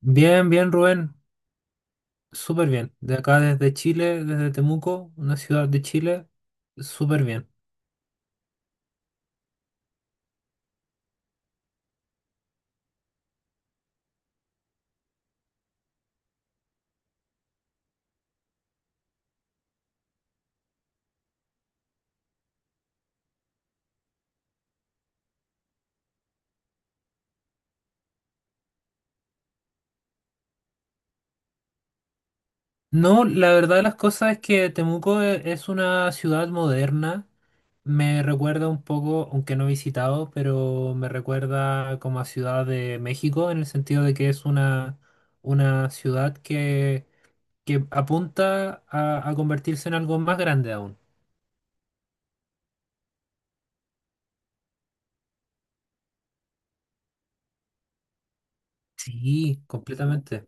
Bien, bien, Rubén, súper bien. De acá desde Chile, desde Temuco, una ciudad de Chile, súper bien. No, la verdad de las cosas es que Temuco es una ciudad moderna. Me recuerda un poco, aunque no he visitado, pero me recuerda como a Ciudad de México, en el sentido de que es una ciudad que apunta a convertirse en algo más grande aún. Sí, completamente.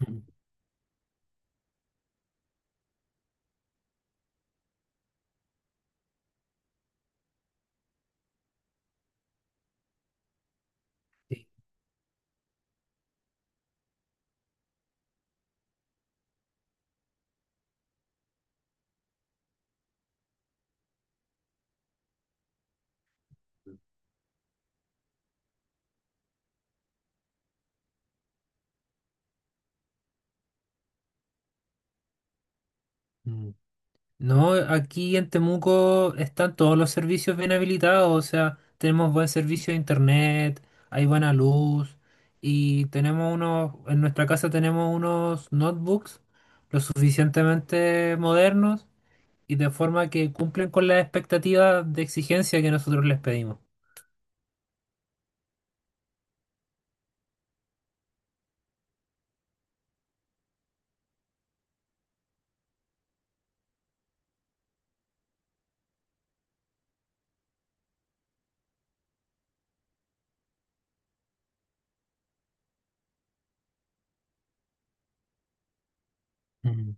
Mm, sí. No, aquí en Temuco están todos los servicios bien habilitados, o sea, tenemos buen servicio de internet, hay buena luz y tenemos unos, en nuestra casa tenemos unos notebooks lo suficientemente modernos y de forma que cumplen con las expectativas de exigencia que nosotros les pedimos. Mm.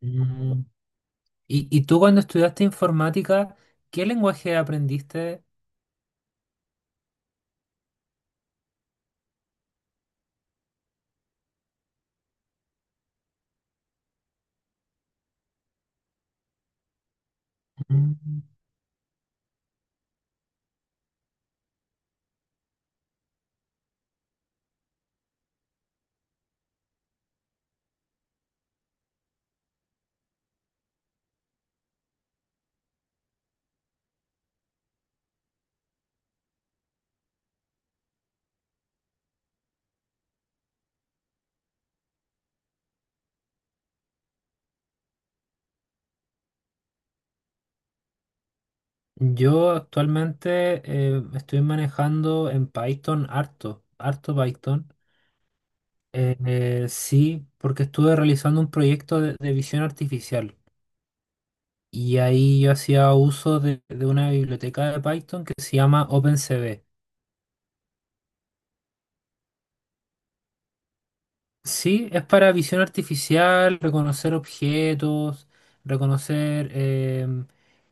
Mm. ¿Y tú cuando estudiaste informática, ¿qué lenguaje aprendiste? Mm. Yo actualmente estoy manejando en Python harto, harto Python. Sí, porque estuve realizando un proyecto de visión artificial y ahí yo hacía uso de una biblioteca de Python que se llama OpenCV. Sí, es para visión artificial, reconocer objetos, reconocer,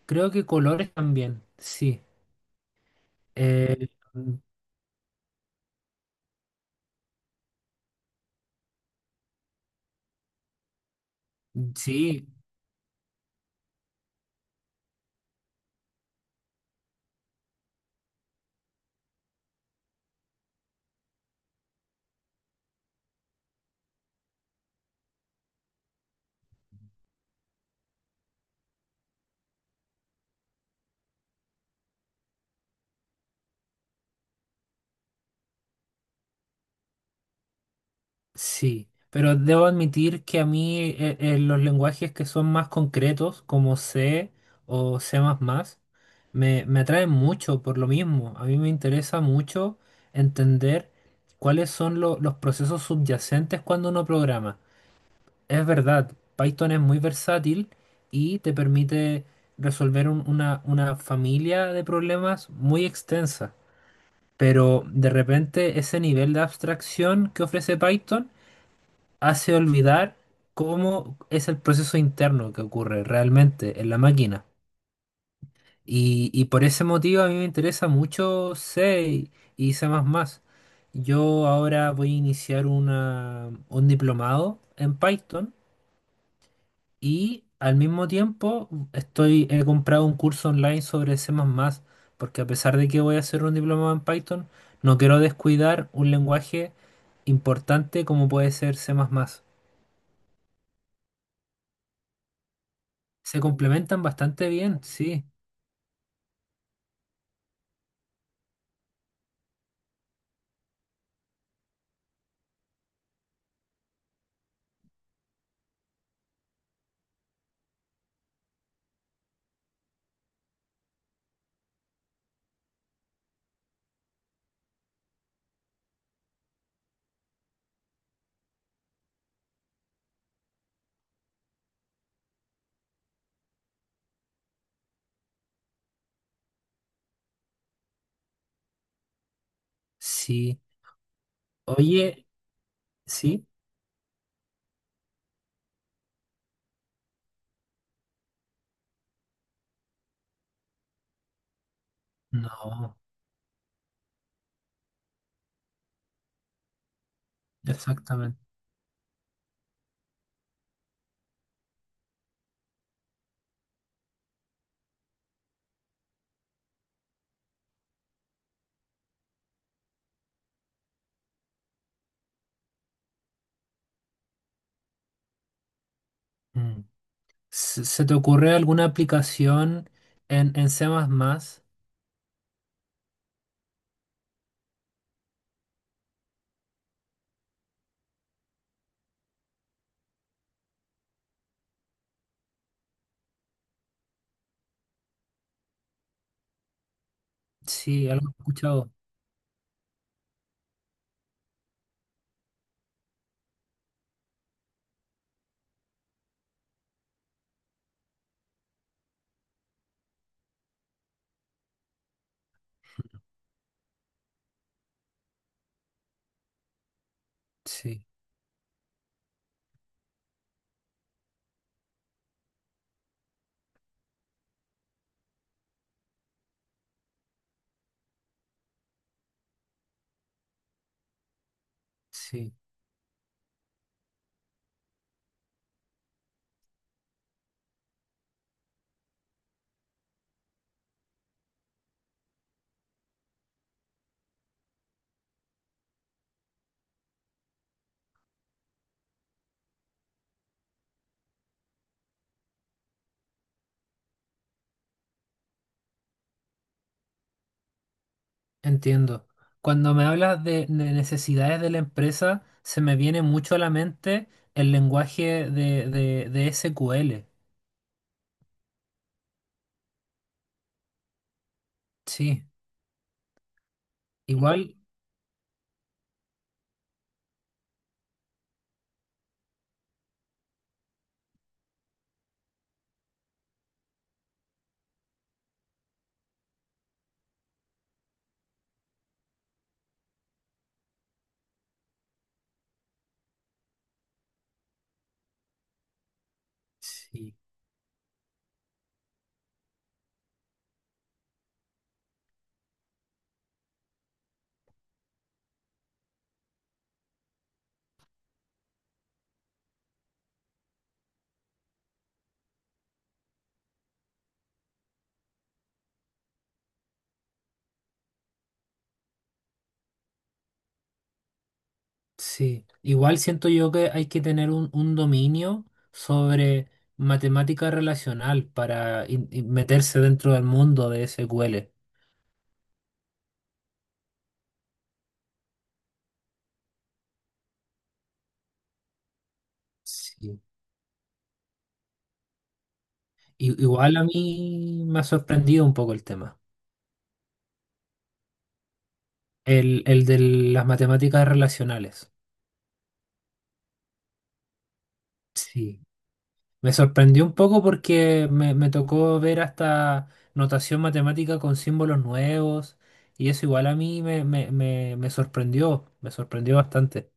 creo que colores también, sí. Eh, mm, sí, sí, pero debo admitir que a mí los lenguajes que son más concretos, como C o C++, me atraen mucho por lo mismo. A mí me interesa mucho entender cuáles son los procesos subyacentes cuando uno programa. Es verdad, Python es muy versátil y te permite resolver una familia de problemas muy extensa, pero de repente ese nivel de abstracción que ofrece Python hace olvidar cómo es el proceso interno que ocurre realmente en la máquina. Y por ese motivo a mí me interesa mucho C y C++. Yo ahora voy a iniciar una, un diplomado en Python y al mismo tiempo estoy, he comprado un curso online sobre C++, porque a pesar de que voy a hacer un diplomado en Python, no quiero descuidar un lenguaje importante como puede ser C++. Se complementan bastante bien, sí, sí. Oye, sí, no, exactamente. Mm. ¿Se, se te ocurre alguna aplicación en C++? Sí, algo he escuchado. Sí, sí, entiendo. Cuando me hablas de necesidades de la empresa, se me viene mucho a la mente el lenguaje de SQL. Sí, igual, sí. Sí, igual siento yo que hay que tener un dominio sobre matemática relacional para meterse dentro del mundo de SQL. Sí. Igual a mí me ha sorprendido un poco el tema, el de las matemáticas relacionales. Sí, me sorprendió un poco porque me tocó ver hasta notación matemática con símbolos nuevos y eso igual a mí me, me, me, me sorprendió bastante.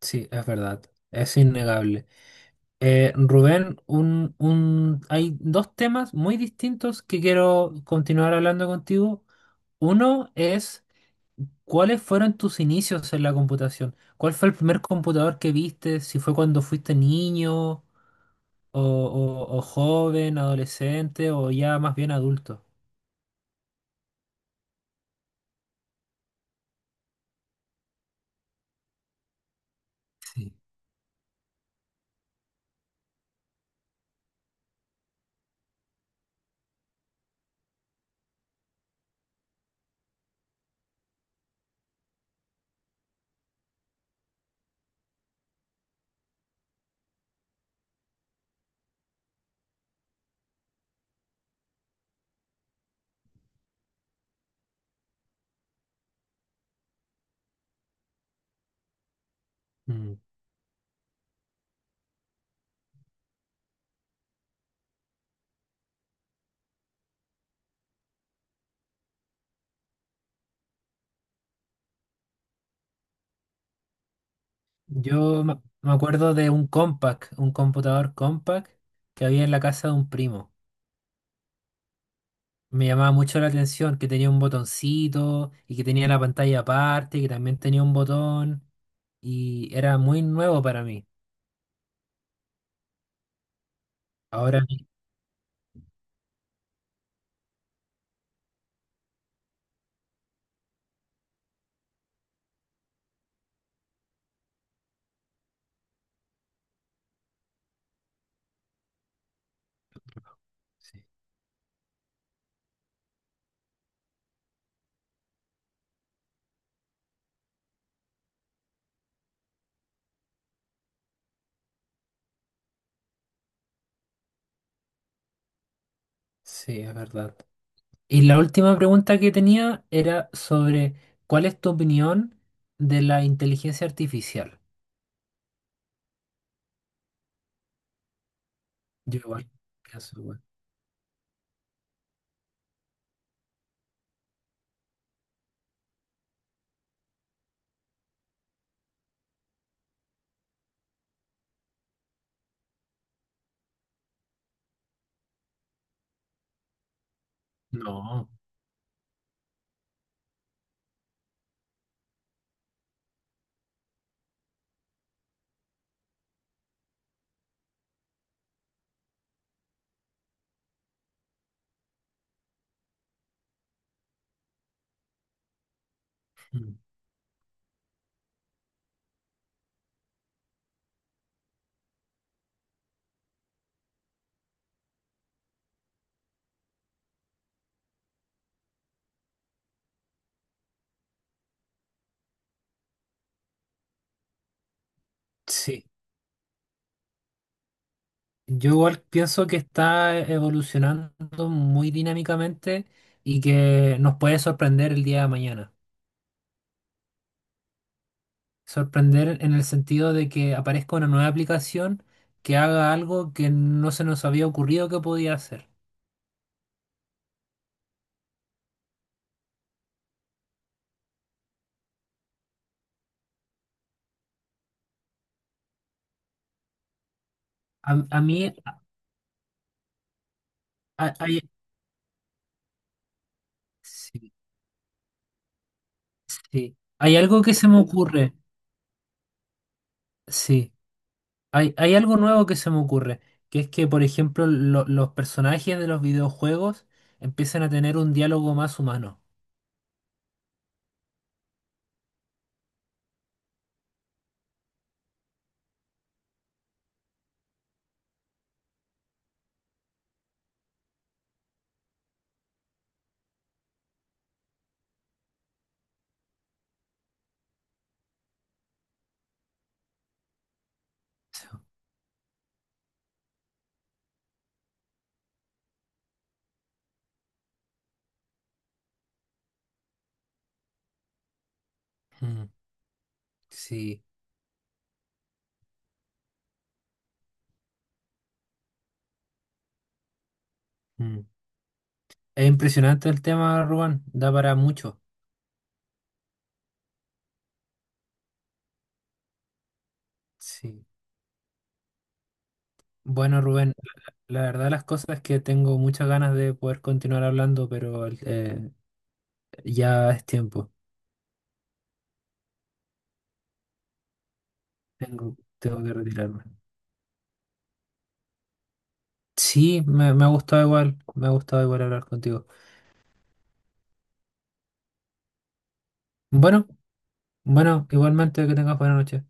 Sí, es verdad, es innegable. Rubén, un, hay dos temas muy distintos que quiero continuar hablando contigo. Uno es, ¿cuáles fueron tus inicios en la computación? ¿Cuál fue el primer computador que viste? Si fue cuando fuiste niño o, o joven, adolescente o ya más bien adulto. Sí. Mm. Yo me acuerdo de un compact, un computador compact que había en la casa de un primo. Me llamaba mucho la atención que tenía un botoncito y que tenía la pantalla aparte, que también tenía un botón y era muy nuevo para mí. Ahora mi- sí, sí, es verdad. Y la última pregunta que tenía era sobre ¿cuál es tu opinión de la inteligencia artificial? Yo igual pienso igual. No. Mm, sí. Yo igual pienso que está evolucionando muy dinámicamente y que nos puede sorprender el día de mañana. Sorprender en el sentido de que aparezca una nueva aplicación que haga algo que no se nos había ocurrido que podía hacer. A mí a- hay, sí, sí. Hay algo que se me ocurre, sí, hay algo nuevo que se me ocurre, que es que, por ejemplo, los personajes de los videojuegos empiezan a tener un diálogo más humano. Sí, mm, sí, mm. Es impresionante el tema, Rubén, da para mucho. Sí. Bueno, Rubén. La verdad, las cosas es que tengo muchas ganas de poder continuar hablando, pero ya es tiempo. Tengo que retirarme. Sí, me ha gustado igual, me ha gustado igual hablar contigo. Bueno, bueno, igualmente que tengas buena noche.